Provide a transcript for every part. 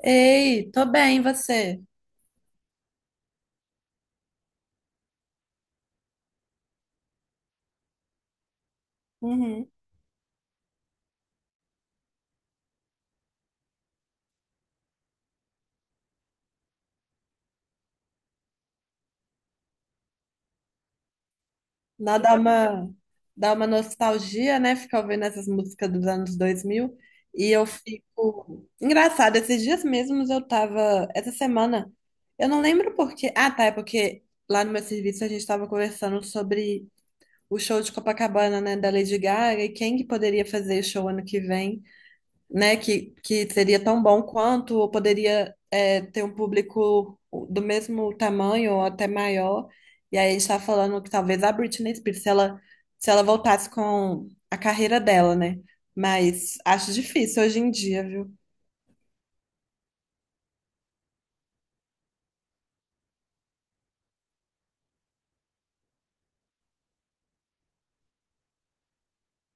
Ei, tô bem, e você? Uhum. Dá, dá uma, dá uma nostalgia, né? Ficar ouvindo essas músicas dos anos dois mil. E eu fico... Engraçado, esses dias mesmos eu tava... Essa semana, eu não lembro por quê. Ah, tá, é porque lá no meu serviço a gente tava conversando sobre o show de Copacabana, né? Da Lady Gaga e quem que poderia fazer show ano que vem. Né? Que seria tão bom quanto, ou poderia é, ter um público do mesmo tamanho ou até maior. E aí a gente está falando que talvez a Britney Spears, se ela voltasse com a carreira dela, né? Mas acho difícil hoje em dia, viu?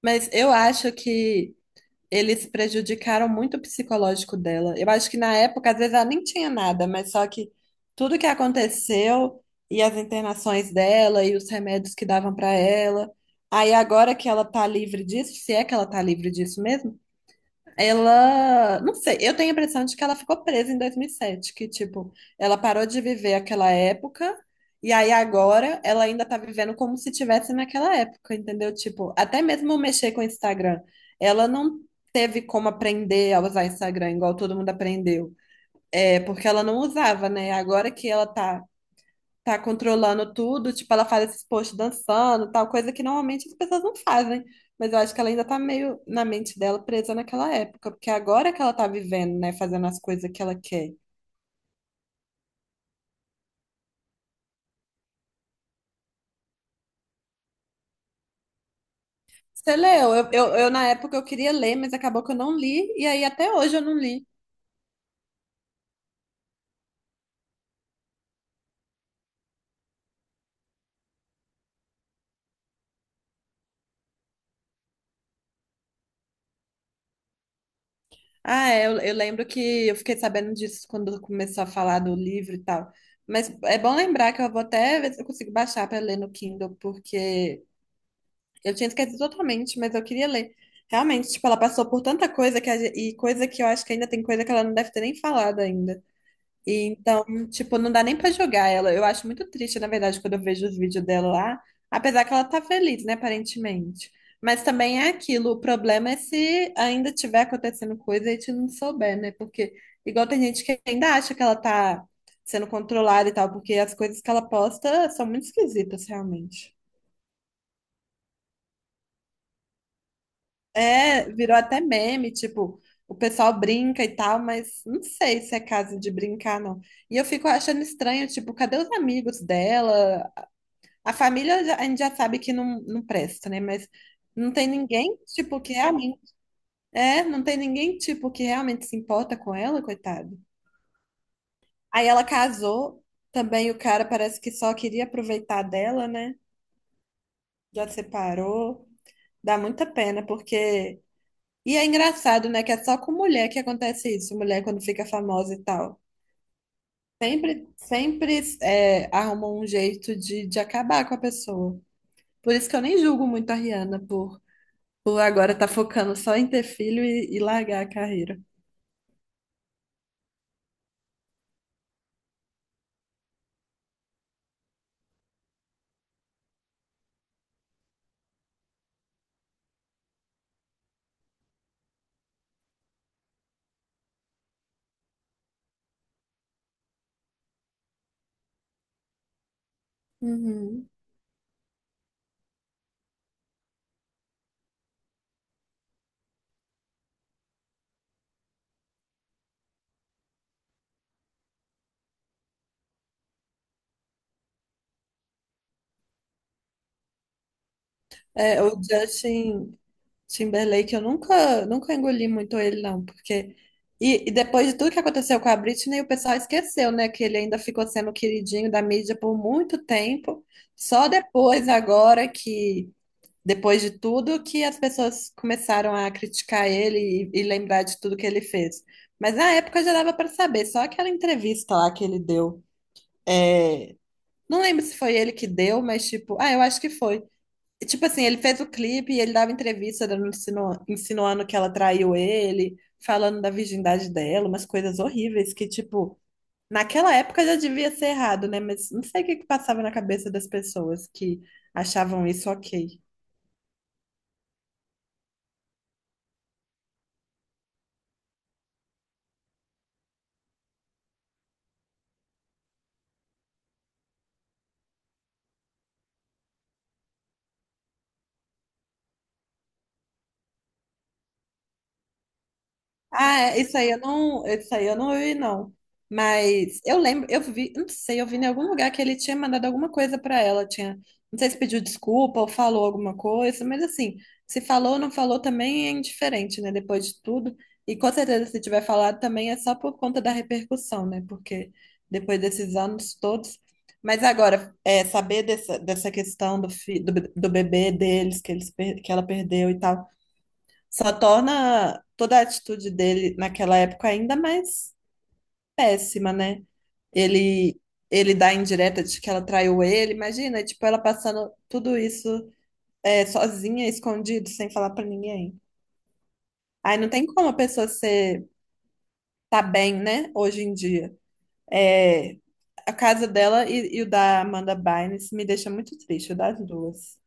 Mas eu acho que eles prejudicaram muito o psicológico dela. Eu acho que na época, às vezes, ela nem tinha nada, mas só que tudo que aconteceu e as internações dela e os remédios que davam para ela. Aí agora que ela tá livre disso, se é que ela tá livre disso mesmo, ela, não sei, eu tenho a impressão de que ela ficou presa em 2007, que tipo, ela parou de viver aquela época e aí agora ela ainda tá vivendo como se tivesse naquela época, entendeu? Tipo, até mesmo mexer com o Instagram, ela não teve como aprender a usar Instagram igual todo mundo aprendeu. É, porque ela não usava, né? Agora que ela tá tá controlando tudo, tipo, ela faz esses posts dançando, tal, coisa que normalmente as pessoas não fazem. Mas eu acho que ela ainda tá meio na mente dela presa naquela época, porque agora que ela tá vivendo, né, fazendo as coisas que ela quer. Você leu? Na época eu queria ler, mas acabou que eu não li, e aí até hoje eu não li. Ah, é, eu lembro que eu fiquei sabendo disso quando começou a falar do livro e tal. Mas é bom lembrar que eu vou até ver se eu consigo baixar para ler no Kindle, porque eu tinha esquecido totalmente, mas eu queria ler. Realmente, tipo, ela passou por tanta coisa que e coisa que eu acho que ainda tem coisa que ela não deve ter nem falado ainda. E então, tipo, não dá nem pra jogar ela. Eu acho muito triste, na verdade, quando eu vejo os vídeos dela lá, apesar que ela tá feliz, né, aparentemente. Mas também é aquilo, o problema é se ainda tiver acontecendo coisa e a gente não souber, né? Porque igual tem gente que ainda acha que ela tá sendo controlada e tal, porque as coisas que ela posta são muito esquisitas, realmente. É, virou até meme, tipo, o pessoal brinca e tal, mas não sei se é caso de brincar, não. E eu fico achando estranho, tipo, cadê os amigos dela? A gente já sabe que não presta, né? Mas não tem ninguém, tipo, que realmente. É, não tem ninguém, tipo, que realmente se importa com ela, coitado. Aí ela casou, também o cara parece que só queria aproveitar dela, né? Já separou. Dá muita pena, porque. E é engraçado, né, que é só com mulher que acontece isso, mulher quando fica famosa e tal. Sempre é, arrumam um jeito de acabar com a pessoa. Por isso que eu nem julgo muito a Rihanna por agora estar focando só em ter filho e largar a carreira. Uhum. É, o Justin. Timberlake, eu nunca engoli muito ele, não, porque. E depois de tudo que aconteceu com a Britney, o pessoal esqueceu, né, que ele ainda ficou sendo o queridinho da mídia por muito tempo. Só depois, agora que. Depois de tudo, que as pessoas começaram a criticar ele e lembrar de tudo que ele fez. Mas na época já dava para saber, só aquela entrevista lá que ele deu. é, Não lembro se foi ele que deu, mas tipo, ah, eu acho que foi. Tipo assim, ele fez o clipe e ele dava entrevista insinuando que ela traiu ele, falando da virgindade dela, umas coisas horríveis que, tipo, naquela época já devia ser errado, né? Mas não sei o que que passava na cabeça das pessoas que achavam isso ok. Ah, é, isso aí eu não vi, não. Mas eu lembro, não sei, eu vi em algum lugar que ele tinha mandado alguma coisa pra ela, não sei se pediu desculpa ou falou alguma coisa, mas assim, se falou ou não falou também é indiferente, né, depois de tudo. E com certeza se tiver falado também é só por conta da repercussão, né, porque depois desses anos todos. Mas agora, é, saber dessa questão do, fi, do, be- do bebê deles, que ela perdeu e tal. Só torna toda a atitude dele naquela época ainda mais péssima, né? Ele, ele dá a indireta de que ela traiu ele, imagina, tipo, ela passando tudo isso é, sozinha, escondido, sem falar pra ninguém. Aí não tem como a pessoa ser, tá bem, né, hoje em dia. É, a casa dela e o da Amanda Bynes me deixa muito triste, o das duas.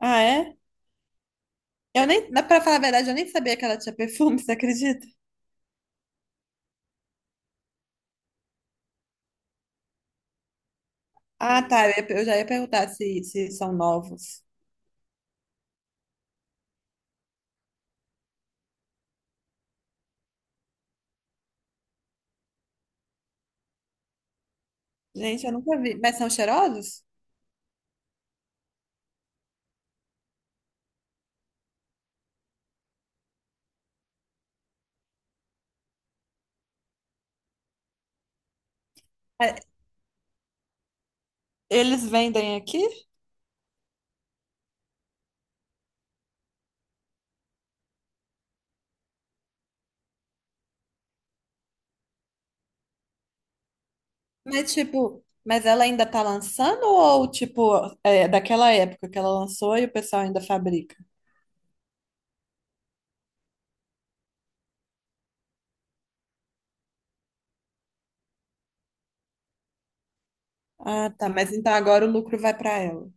Ah, é? Eu nem, na- pra falar a verdade, eu nem sabia que ela tinha perfume, você acredita? Ah, tá. Eu já ia perguntar se, se são novos. Gente, eu nunca vi. Mas são cheirosos? É, eles vendem aqui? Mas, tipo, mas ela ainda tá lançando ou, tipo, é daquela época que ela lançou e o pessoal ainda fabrica? Ah, tá. Mas então agora o lucro vai pra ela.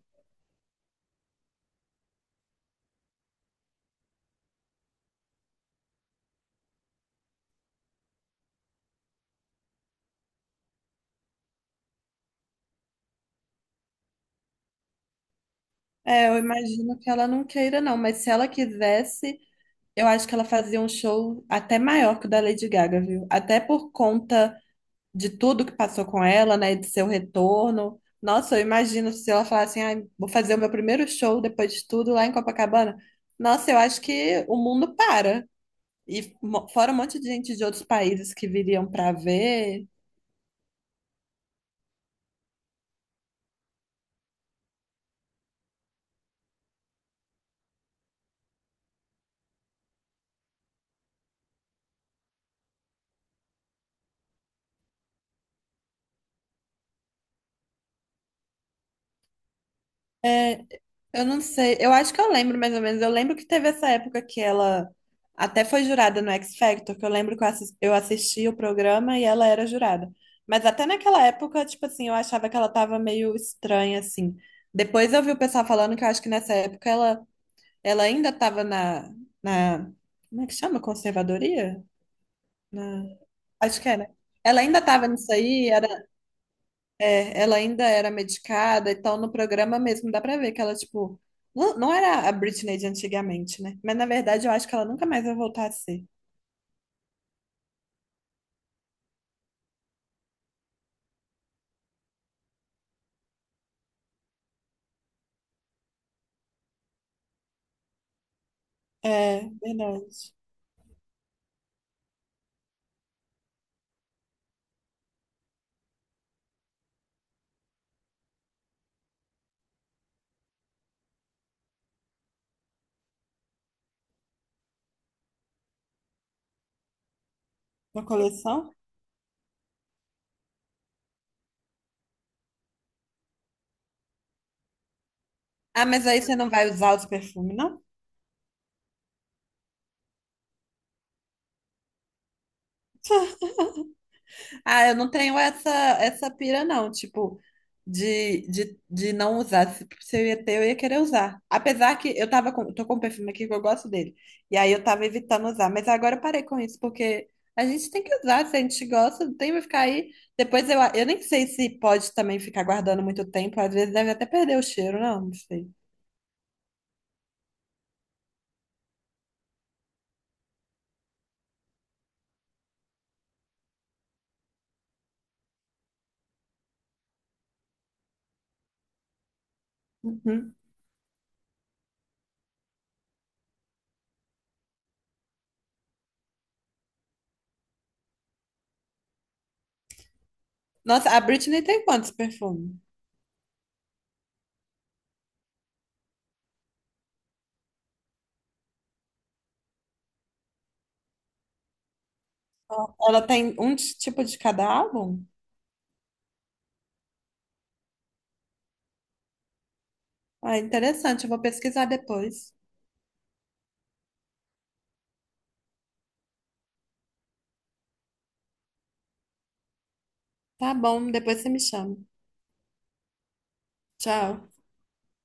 É, eu imagino que ela não queira, não. Mas se ela quisesse, eu acho que ela fazia um show até maior que o da Lady Gaga, viu? Até por conta. De tudo que passou com ela, né, de seu retorno. Nossa, eu imagino se ela falar assim, "Ai, vou fazer o meu primeiro show depois de tudo lá em Copacabana. Nossa, eu acho que o mundo para. E fora um monte de gente de outros países que viriam para ver. Eu não sei, eu acho que eu lembro mais ou menos. Eu lembro que teve essa época que ela até foi jurada no X Factor, que eu lembro que eu assisti o programa e ela era jurada. Mas até naquela época, tipo assim, eu achava que ela tava meio estranha, assim. Depois eu vi o pessoal falando que eu acho que nessa época ela ainda tava na. Como é que chama? Conservadoria? Na, acho que era. Ela ainda tava nisso aí, é, ela ainda era medicada, então no programa mesmo dá pra ver que ela, tipo, não era a Britney de antigamente, né? Mas na verdade eu acho que ela nunca mais vai voltar a ser. É, verdade. Na coleção? Ah, mas aí você não vai usar os perfumes, não? Ah, eu não tenho essa, essa pira, não, tipo, de não usar. Se eu ia ter, eu ia querer usar. Apesar que tô com um perfume aqui que eu gosto dele. E aí eu tava evitando usar. Mas agora eu parei com isso, porque a gente tem que usar. Se a gente gosta, não tem que ficar aí. Depois eu nem sei se pode também ficar guardando muito tempo. Às vezes deve até perder o cheiro, não sei. Uhum. Nossa, a Britney tem quantos perfumes? Ela tem um tipo de cada álbum? Ah, interessante, eu vou pesquisar depois. Tá bom, depois você me chama. Tchau.